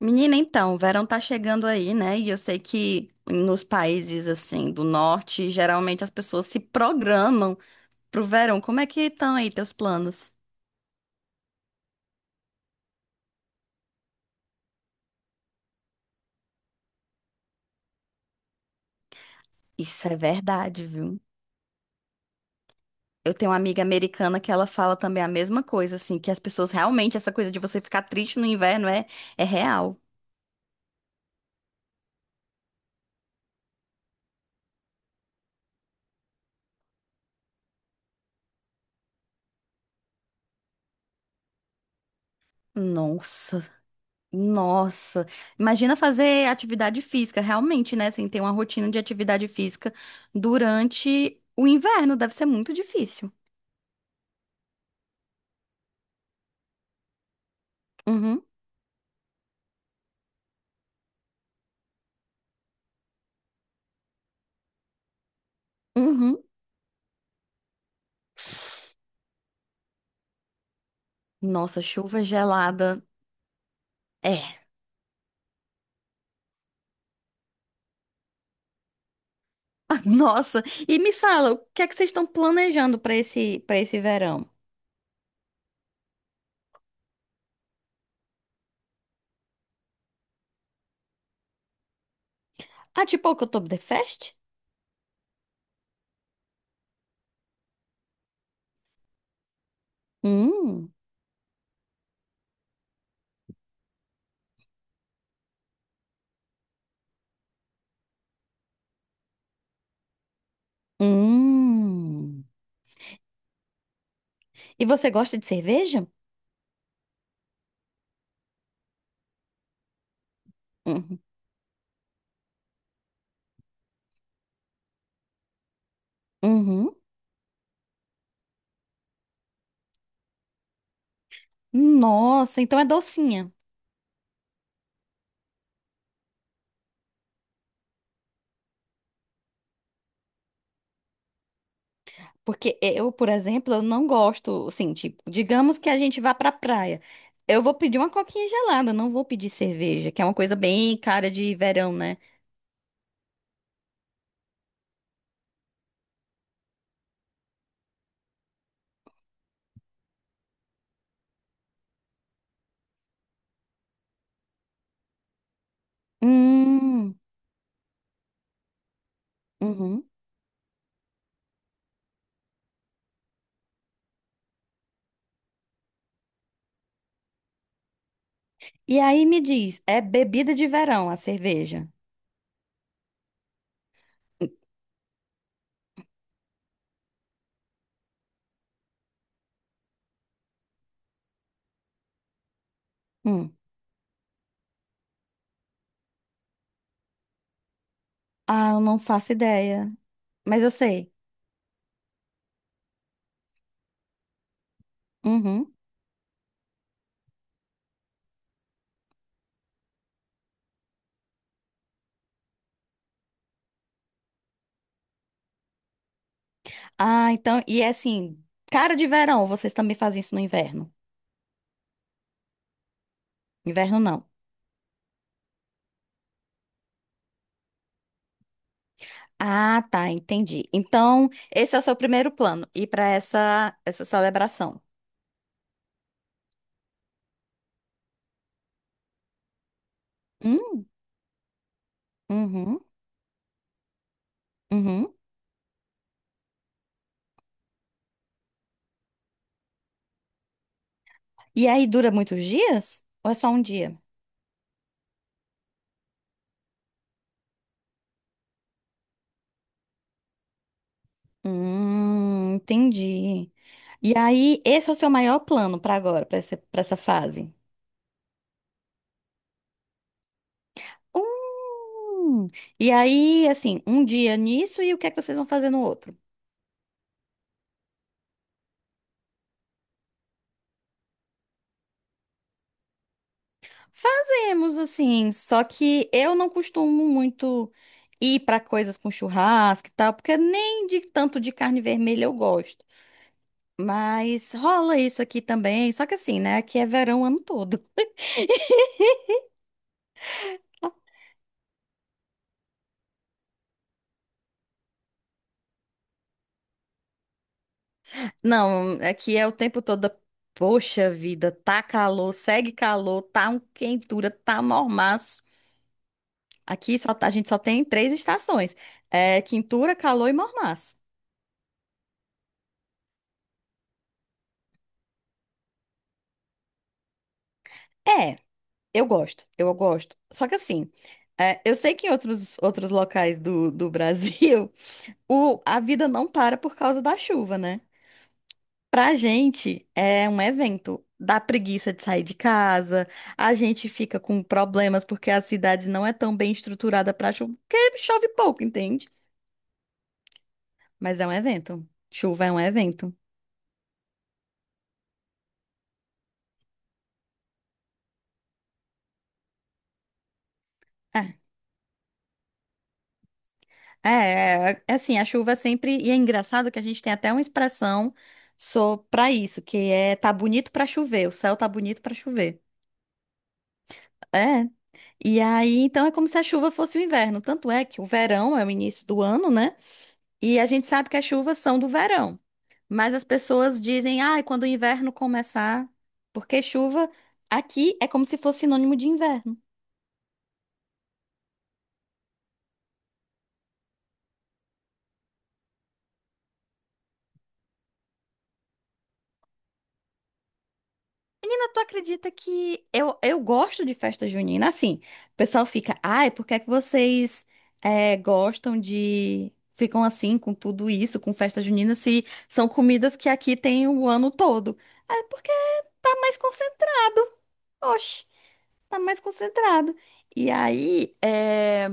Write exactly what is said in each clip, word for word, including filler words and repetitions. Menina, então, o verão tá chegando aí, né? E eu sei que nos países assim do norte, geralmente as pessoas se programam pro verão. Como é que estão aí teus planos? Isso é verdade, viu? Eu tenho uma amiga americana que ela fala também a mesma coisa, assim, que as pessoas realmente, essa coisa de você ficar triste no inverno é, é real. Nossa, nossa. Imagina fazer atividade física, realmente, né? Assim, ter uma rotina de atividade física durante o inverno, deve ser muito difícil. Uhum. Uhum. Nossa, chuva gelada. É. Nossa, e me fala, o que é que vocês estão planejando para esse para esse verão? Ah, tipo o Oktoberfest? Hum. Hum. E você gosta de cerveja? Uhum. Uhum. Nossa, então é docinha. Porque eu, por exemplo, eu não gosto, assim, tipo, digamos que a gente vá pra praia. Eu vou pedir uma coquinha gelada, não vou pedir cerveja, que é uma coisa bem cara de verão, né? Hum. Uhum. E aí me diz, é bebida de verão a cerveja? Hum. Ah, eu não faço ideia, mas eu sei. Uhum. Ah, então, e é assim, cara de verão, vocês também fazem isso no inverno? Inverno não. Ah, tá, entendi. Então, esse é o seu primeiro plano, ir para essa essa celebração. Hum, uhum, uhum. E aí dura muitos dias? Ou é só um dia? Hum, entendi. E aí, esse é o seu maior plano para agora, para essa, para essa fase? Hum. E aí, assim, um dia nisso e o que é que vocês vão fazer no outro? Fazemos, assim, só que eu não costumo muito ir para coisas com churrasco e tal, porque nem de tanto de carne vermelha eu gosto. Mas rola isso aqui também, só que assim, né? Aqui é verão o ano todo. Não, aqui é o tempo todo. Poxa vida, tá calor, segue calor, tá um quentura, tá normal. Aqui só, tá- a gente só tem três estações: é, quintura, calor e mormaço. É, eu gosto, eu gosto. Só que assim, é, eu sei que em outros, outros locais do, do Brasil o, a vida não para por causa da chuva, né? Pra gente é um evento. Dá preguiça de sair de casa, a gente fica com problemas porque a cidade não é tão bem estruturada pra chuva, porque chove pouco, entende? Mas é um evento. Chuva é um evento. É. É, é, é assim, a chuva sempre. E é engraçado que a gente tem até uma expressão só pra isso, que é tá bonito pra chover, o céu tá bonito pra chover. É. E aí, então é como se a chuva fosse o inverno. Tanto é que o verão é o início do ano, né? E a gente sabe que as chuvas são do verão. Mas as pessoas dizem, ah, quando o inverno começar, porque chuva aqui é como se fosse sinônimo de inverno. Menina, tu acredita que eu, eu gosto de festa junina? Assim, o pessoal fica, ai, por que é que vocês é, gostam de. Ficam assim com tudo isso, com festa junina, se são comidas que aqui tem o ano todo? Ah, é porque tá mais concentrado. Oxe, tá mais concentrado. E aí, é,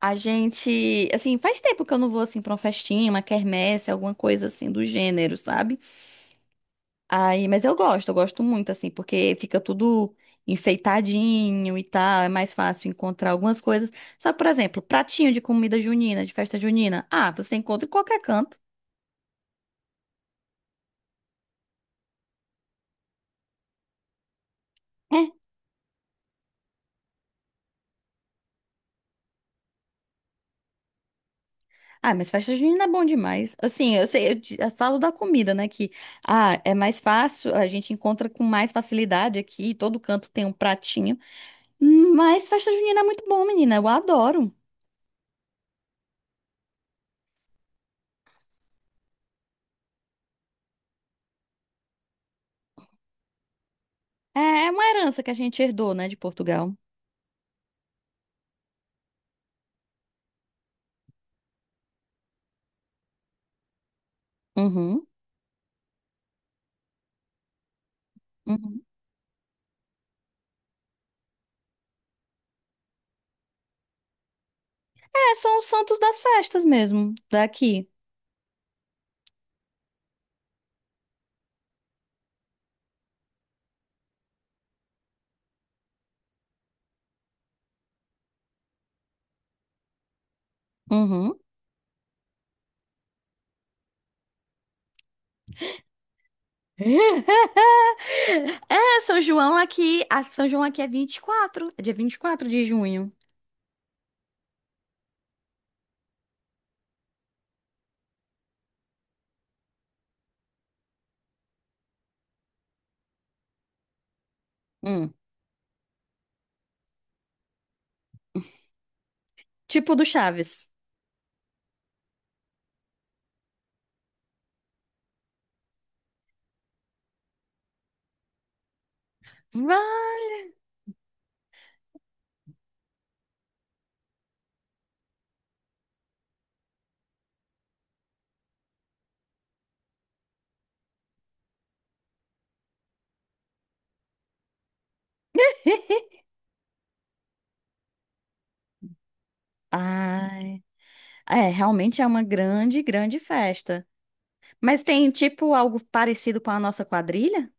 a gente. Assim, faz tempo que eu não vou assim pra uma festinha, uma quermesse, alguma coisa assim do gênero, sabe? Aí, mas eu gosto, eu gosto muito, assim, porque fica tudo enfeitadinho e tal, é mais fácil encontrar algumas coisas. Só que, por exemplo, pratinho de comida junina, de festa junina. Ah, você encontra em qualquer canto. É. Ah, mas festa junina é bom demais. Assim, eu sei, eu, di- eu falo da comida, né? Que, ah, é mais fácil, a gente encontra com mais facilidade aqui, todo canto tem um pratinho. Mas festa junina é muito bom, menina, eu adoro. É, é uma herança que a gente herdou, né, de Portugal. Uhum. Uhum. É, são os santos das festas mesmo, daqui. Uhum. É, São João aqui, a São João aqui é vinte e quatro, é dia vinte e quatro de junho. Hum, tipo do Chaves. Vai. Ai, é, realmente é uma grande, grande festa. Mas tem tipo algo parecido com a nossa quadrilha?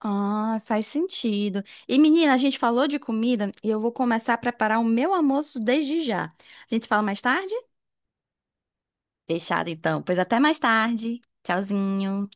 Ah, faz sentido. E menina, a gente falou de comida e eu vou começar a preparar o meu almoço desde já. A gente fala mais tarde? Fechado então. Pois até mais tarde. Tchauzinho.